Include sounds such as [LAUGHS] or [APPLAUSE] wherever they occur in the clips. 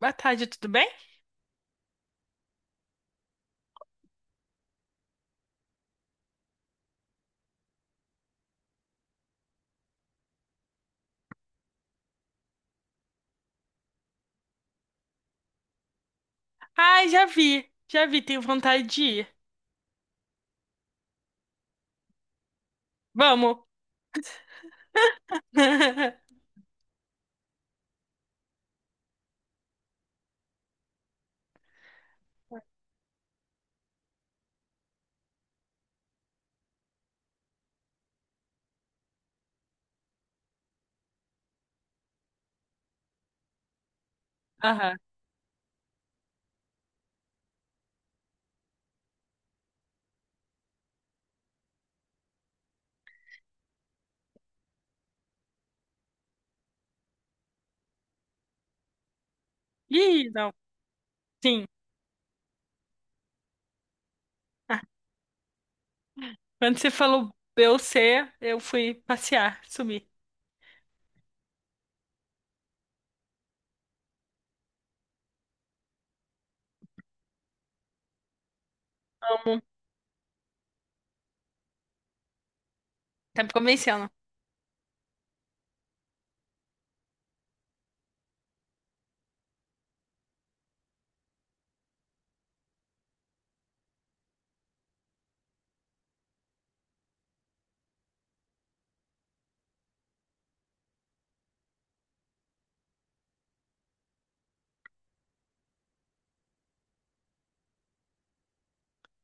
Boa tarde, tudo bem? Ai, já vi, tenho vontade de ir. Vamos. [LAUGHS] Aham. Ih, não. Sim. Ah, Quando você falou Beyoncé, eu fui passear, sumi. Amo. Tá me convencendo.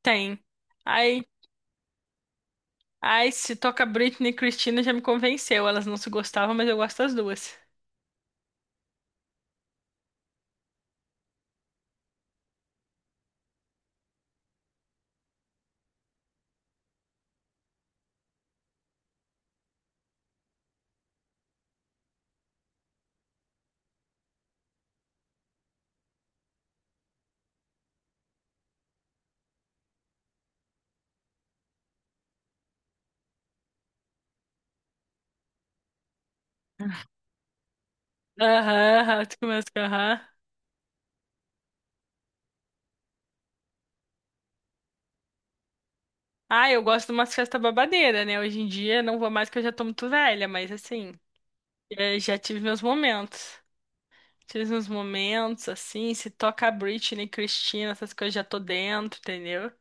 Tem. Ai, ai, se toca Britney e Christina já me convenceu. Elas não se gostavam, mas eu gosto das duas. Aham, aham, tu começa com aham. Ah, eu gosto de umas festas babadeiras, né? Hoje em dia não vou mais que eu já tô muito velha, mas assim, já tive meus momentos. Tive uns momentos assim, se toca Britney, Cristina, essas coisas já tô dentro, entendeu?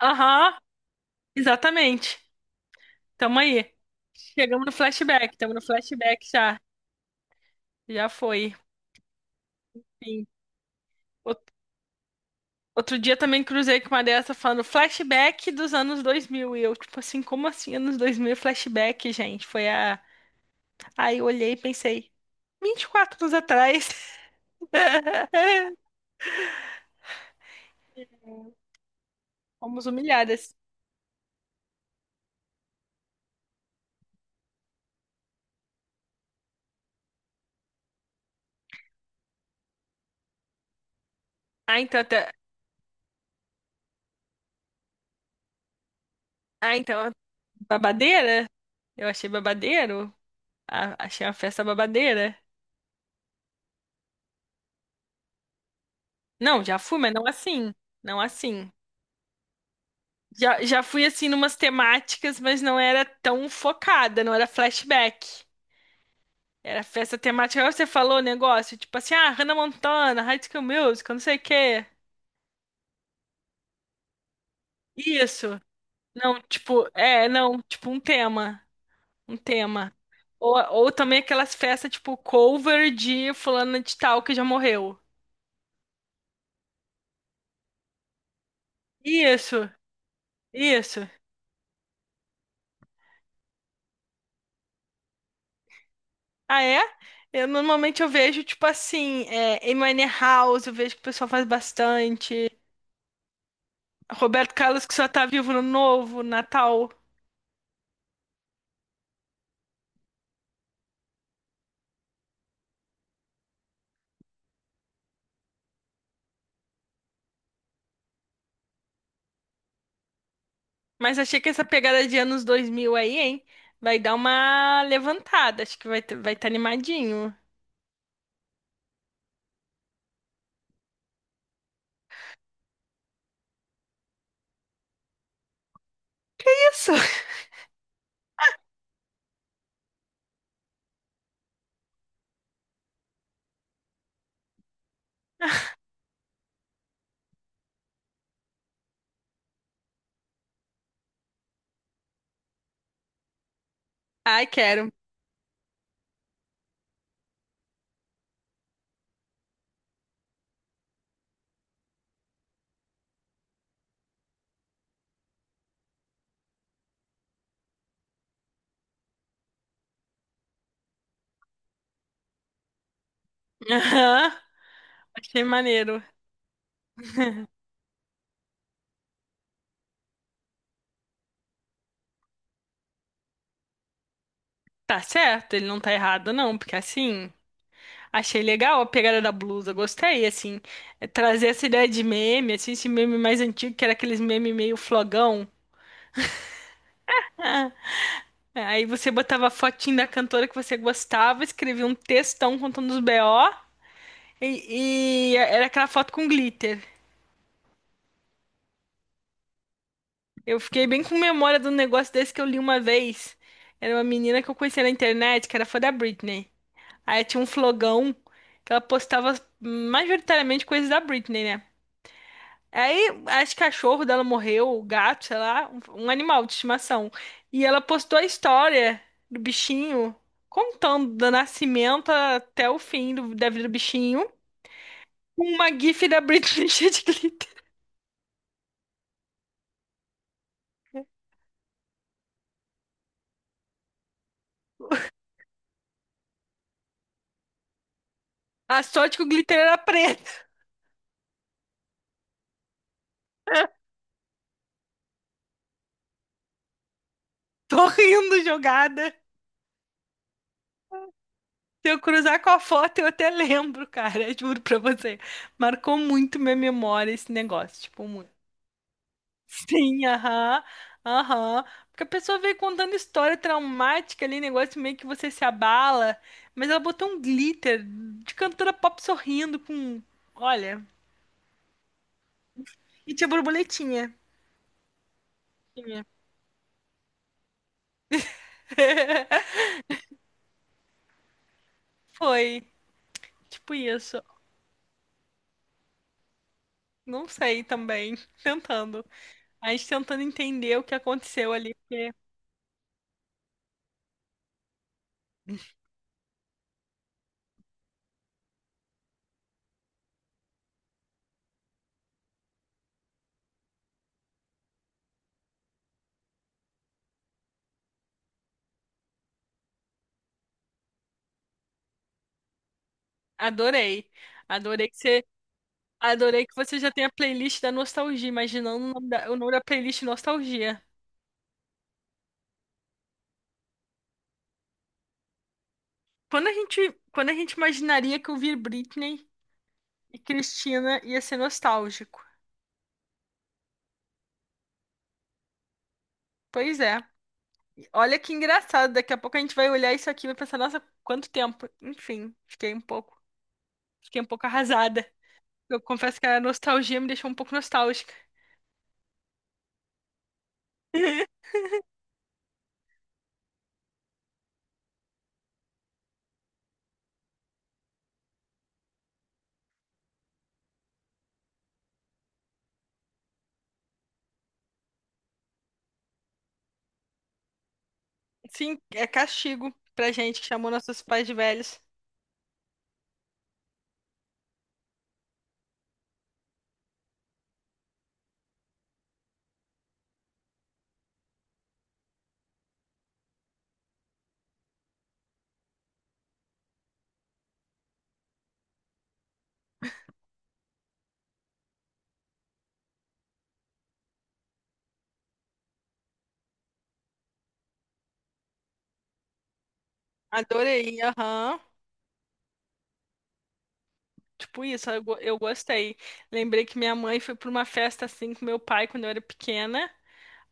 Aham, exatamente. Tamo aí. Chegamos no flashback, estamos no flashback já. Já foi. Sim. Out- Outro dia também cruzei com uma dessa falando flashback dos anos dois mil. E eu, tipo assim, como assim anos 2000 flashback, gente? Foi a. Aí eu olhei e pensei, 24 anos atrás. [LAUGHS] Fomos humilhadas. Ah, então, tá... Ah, então, babadeira? Eu achei babadeiro. Achei uma festa babadeira. Não, já fui, mas não assim. Não assim. Já fui assim numas temáticas, mas não era tão focada, não era flashback. Era festa temática. Agora você falou o negócio, tipo assim, ah, Hannah Montana, High School Musical, não sei o quê. Isso. Não, tipo, é, não, tipo um tema. Um tema. Ou também aquelas festas, tipo, cover de fulana de tal que já morreu. Isso, isso. Ah, é? Eu normalmente eu vejo, tipo assim, é, Amy Winehouse, eu vejo que o pessoal faz bastante. Roberto Carlos, que só tá vivo no novo, Natal. Mas achei que essa pegada de anos 2000 aí, hein? Vai dar uma levantada, acho que vai estar vai tá animadinho. Isso! [LAUGHS] Ai, quero. Aham, achei maneiro. Tá certo, ele não tá errado, não, porque assim. Achei legal a pegada da blusa, gostei, assim, é, trazer essa ideia de meme, assim, esse meme mais antigo, que era aqueles meme meio flogão. Ah, é, aí você botava a fotinho da cantora que você gostava, escrevia um textão contando os BO, e era aquela foto com glitter. Eu fiquei bem com memória de um negócio desse que eu li uma vez. Era uma menina que eu conhecia na internet, que era fã da Britney. Aí tinha um flogão que ela postava majoritariamente coisas da Britney, né? Aí, acho que cachorro dela morreu, o gato, sei lá, um animal de estimação. E ela postou a história do bichinho, contando do nascimento até o da vida do bichinho, com uma gif da Britney [LAUGHS] cheia de glitter. A sorte que o glitter era preto. [LAUGHS] Tô rindo jogada. Se eu cruzar com a foto, eu até lembro, cara, [LAUGHS] juro pra você. Marcou muito minha memória esse negócio, tipo, muito. Sim, aham, aham. Porque a pessoa veio contando história traumática ali, negócio meio que você se abala, mas ela botou um glitter de cantora pop sorrindo com, olha, e tinha borboletinha. Foi, tipo isso. Não sei também, [LAUGHS] tentando. A gente tentando entender o que aconteceu ali. Adorei. Adorei que você, adorei que você já tem a playlist da nostalgia, imaginando o nome da playlist nostalgia. Quando a gente imaginaria que ouvir Britney e Cristina ia ser nostálgico. Pois é. E olha que engraçado, daqui a pouco a gente vai olhar isso aqui e vai pensar, nossa, quanto tempo. Enfim, fiquei um pouco arrasada. Eu confesso que a nostalgia me deixou um pouco nostálgica. [LAUGHS] Sim, é castigo pra gente que chamou nossos pais de velhos. Adorei, aham. Tipo isso, eu gostei. Lembrei que minha mãe foi pra uma festa assim com meu pai quando eu era pequena.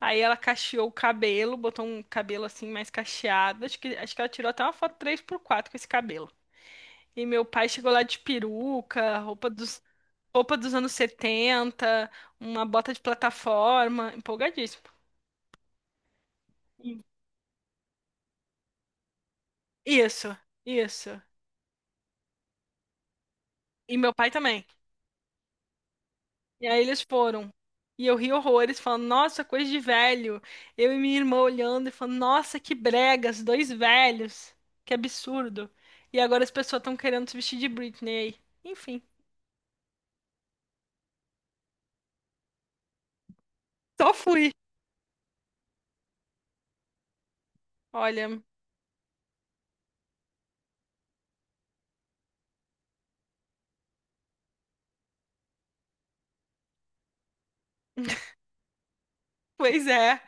Aí ela cacheou o cabelo, botou um cabelo assim mais cacheado. Acho que ela tirou até uma foto 3x4 com esse cabelo. E meu pai chegou lá de peruca, roupa dos anos 70, uma bota de plataforma, empolgadíssimo. Isso, isso. E meu pai também. E aí eles foram. E eu ri horrores, falando, nossa, coisa de velho. Eu e minha irmã olhando e falando, nossa, que bregas, dois velhos. Que absurdo. E agora as pessoas estão querendo se vestir de Britney aí. Enfim, só fui. Olha, [LAUGHS] pois é.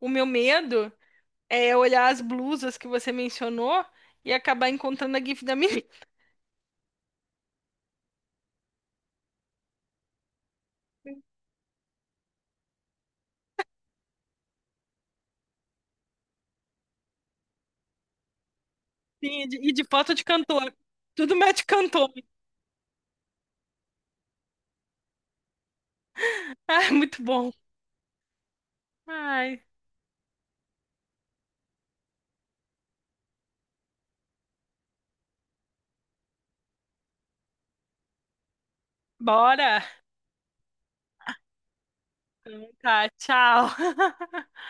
O meu medo é olhar as blusas que você mencionou e acabar encontrando a GIF da minha. [LAUGHS] Sim, e de foto de cantor. Tudo match cantor. [LAUGHS] Ah, muito bom. Ai, bora. Tá, tchau. [LAUGHS]